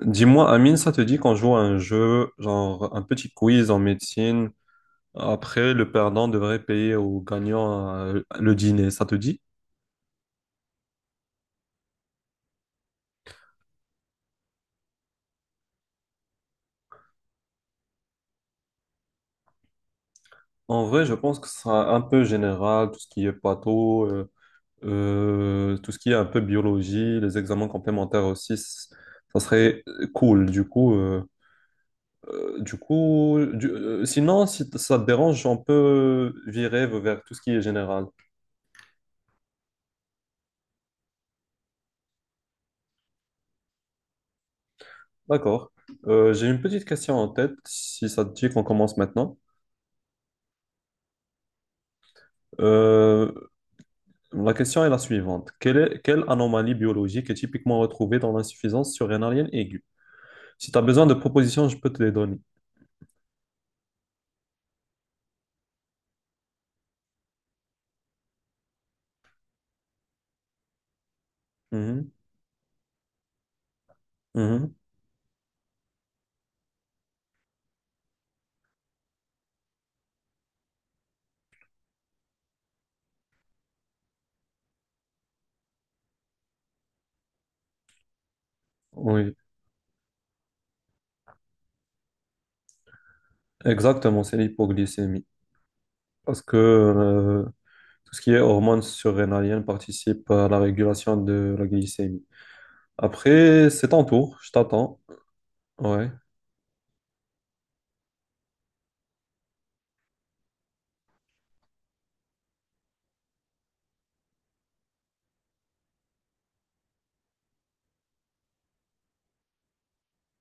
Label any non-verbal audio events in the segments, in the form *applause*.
Dis-moi, Amine, ça te dit qu'on joue à un jeu, genre un petit quiz en médecine? Après, le perdant devrait payer au gagnant le dîner. Ça te dit? En vrai, je pense que ce sera un peu général, tout ce qui est patho, tout ce qui est un peu biologie, les examens complémentaires aussi. Ça serait cool. Du coup, du coup, du- sinon, si ça te dérange, on peut virer vers tout ce qui est général. D'accord. J'ai une petite question en tête, si ça te dit qu'on commence maintenant. Euh, la question est la suivante. Quelle anomalie biologique est typiquement retrouvée dans l'insuffisance surrénalienne aiguë? Si tu as besoin de propositions, je peux te les donner. Mhm, mhm. Oui, exactement, c'est l'hypoglycémie. Parce que tout ce qui est hormones surrénaliennes participe à la régulation de la glycémie. Après, c'est ton tour, je t'attends. Ouais.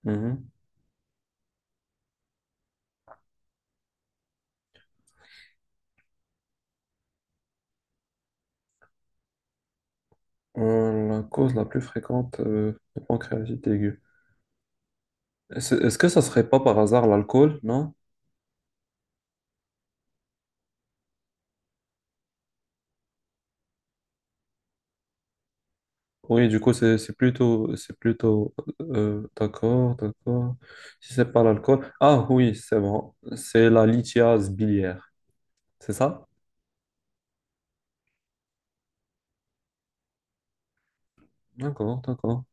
Mhm. La cause la plus fréquente de pancréatite aiguë. Est-ce que ça serait pas par hasard l'alcool, non? Oui, du coup, c'est plutôt, c'est plutôt, d'accord, d'accord. Si c'est pas l'alcool. Ah oui, c'est bon. C'est la lithiase biliaire, c'est ça? D'accord, d'accord.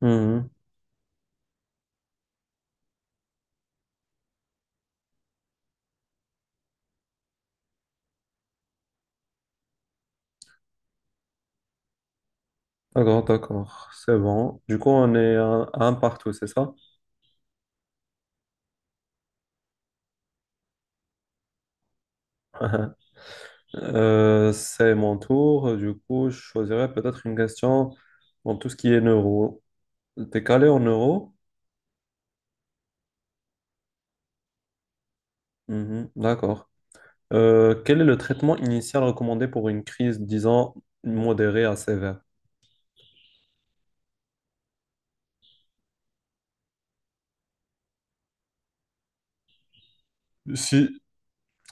Mhm. D'accord, d'accord. C'est bon. Du coup, on est un partout, c'est ça? *laughs* C'est mon tour. Du coup, je choisirais peut-être une question dans tout ce qui est neuro. T'es calé en neuro? Mhm, d'accord. Quel est le traitement initial recommandé pour une crise, disons, modérée à sévère? Si,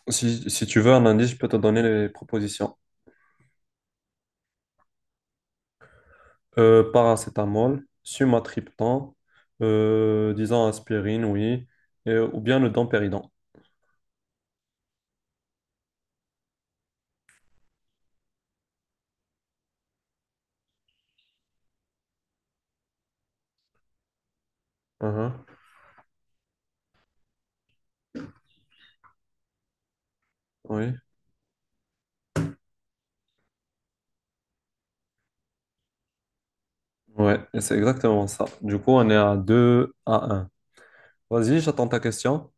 si tu veux un indice, je peux te donner les propositions. Paracétamol, sumatriptan, disons aspirine, oui, ou bien le dompéridon. Uhum, oui, ouais, et c'est exactement ça. Du coup, on est à 2 à un. Vas-y, j'attends ta question.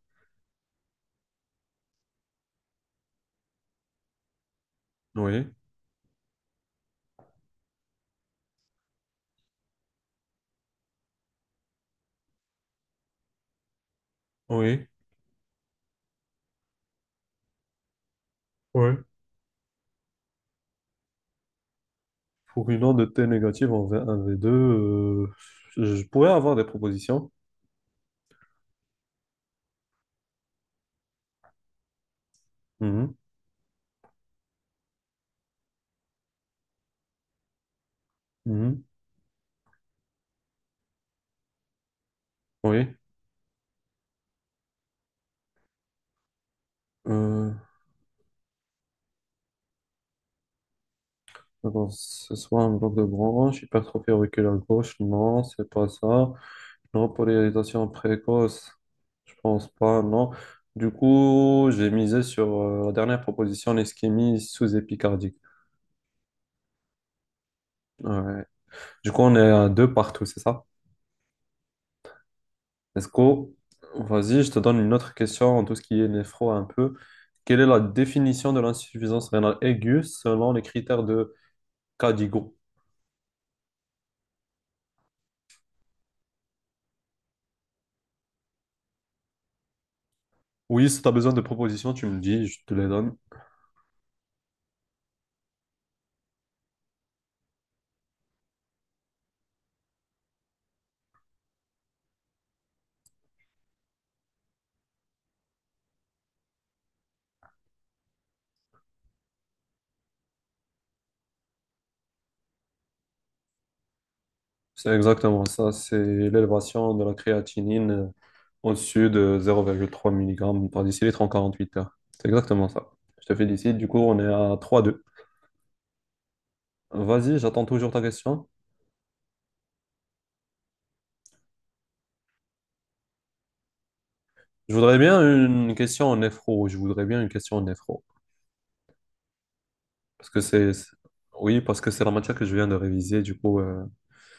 Oui, oui, oui. Pour une onde de T négative en V1, V2, je pourrais avoir des propositions. Mhm, mhm, oui. Euh, alors, ce soit un bloc de branche, hypertrophie auriculaire gauche, non, c'est pas ça. Non, polarisation précoce, je pense pas, non. Du coup, j'ai misé sur la dernière proposition, l'ischémie sous-épicardique. Ouais. Du coup, on est à deux partout, c'est ça? Est-ce que, vas-y, je te donne une autre question en tout ce qui est néphro un peu. Quelle est la définition de l'insuffisance rénale aiguë selon les critères de Cadigo? Oui, si tu as besoin de propositions, tu me dis, je te les donne. C'est exactement ça, c'est l'élévation de la créatinine au-dessus de zéro virgule trois mg par décilitre en 48 heures. C'est exactement ça. Je te félicite, du coup on est à trois deux. Vas-y, j'attends toujours ta question. Je voudrais bien une question en néphro, je voudrais bien une question en néphro. Parce que c'est... Oui, parce que c'est la matière que je viens de réviser, du coup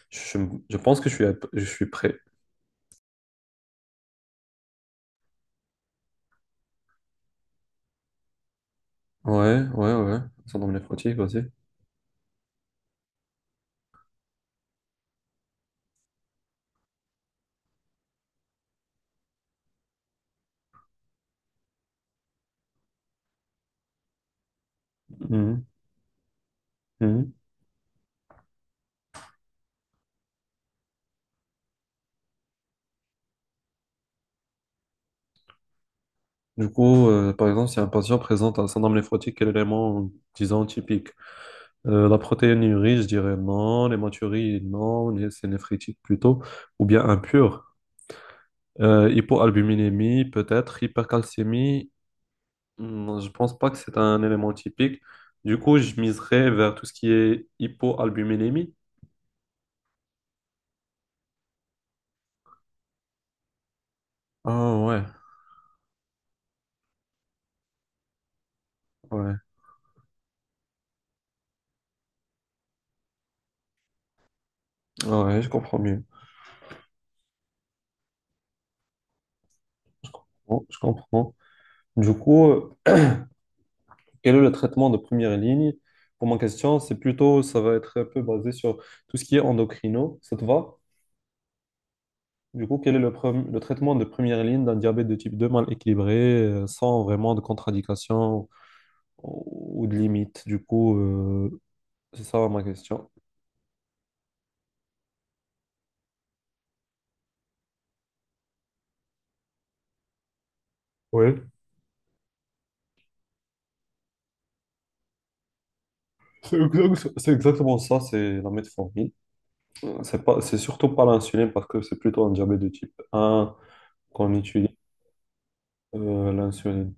je, je pense que je suis, je suis prêt. Ouais, ouais, ouais. Syndrome néphrotique, vas-y. Mhm, mhm. Du coup, par exemple, si un patient présente un syndrome néphrotique, quel élément, disons, typique? La protéinurie, je dirais non. L'hématurie, non. C'est néphritique plutôt. Ou bien impur. Hypoalbuminémie, peut-être. Hypercalcémie, hmm, je pense pas que c'est un élément typique. Du coup, je miserais vers tout ce qui est hypoalbuminémie. Ah ouais, ouais, ouais, je comprends mieux. Bon, je comprends. Du coup, quel est le traitement de première ligne? Pour ma question, c'est plutôt, ça va être un peu basé sur tout ce qui est endocrino. Ça te va? Du coup, quel est le, le traitement de première ligne d'un diabète de type 2 mal équilibré, sans vraiment de contradiction ou de limite? Du coup, c'est ça ma question. Oui. C'est exactement ça, c'est la metformine. C'est surtout pas l'insuline parce que c'est plutôt un diabète de type un qu'on utilise l'insuline.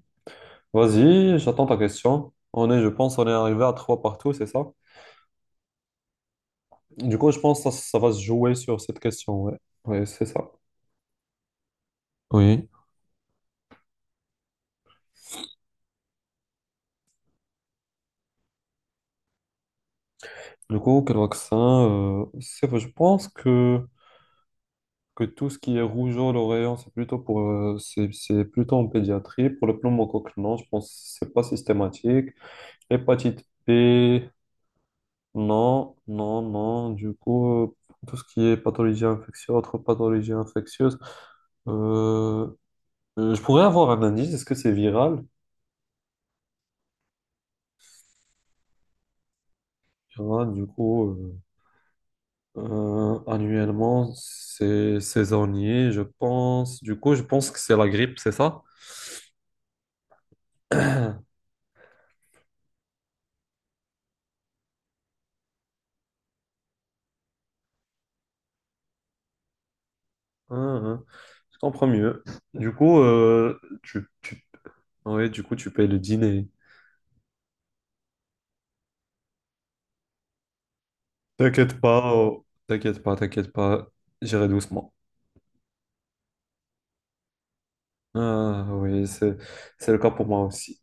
Vas-y, j'attends ta question. On est, je pense, on est arrivé à trois partout, c'est ça? Du coup, je pense que ça va se jouer sur cette question, ouais. Ouais, c'est ça. Oui. Du coup, quel vaccin? C'est- je pense que tout ce qui est rougeole aux rayons, c'est plutôt pour, c'est plutôt en pédiatrie. Pour le pneumocoque, non, je pense que c'est pas systématique. Hépatite B, non, non, non. Du coup, tout ce qui est pathologie infectieuse, autre pathologie infectieuse. euh, je pourrais avoir un indice, est-ce que c'est viral? Il y en a, annuellement, c'est saisonnier, je pense. Du coup, je pense que c'est la grippe, c'est ça? Hein, hein. Je comprends mieux. Du coup, tu... Ouais, du coup, tu payes le dîner. T'inquiète pas, oh, t'inquiète pas, t'inquiète pas, j'irai doucement. Ah oui, c'est le cas pour moi aussi.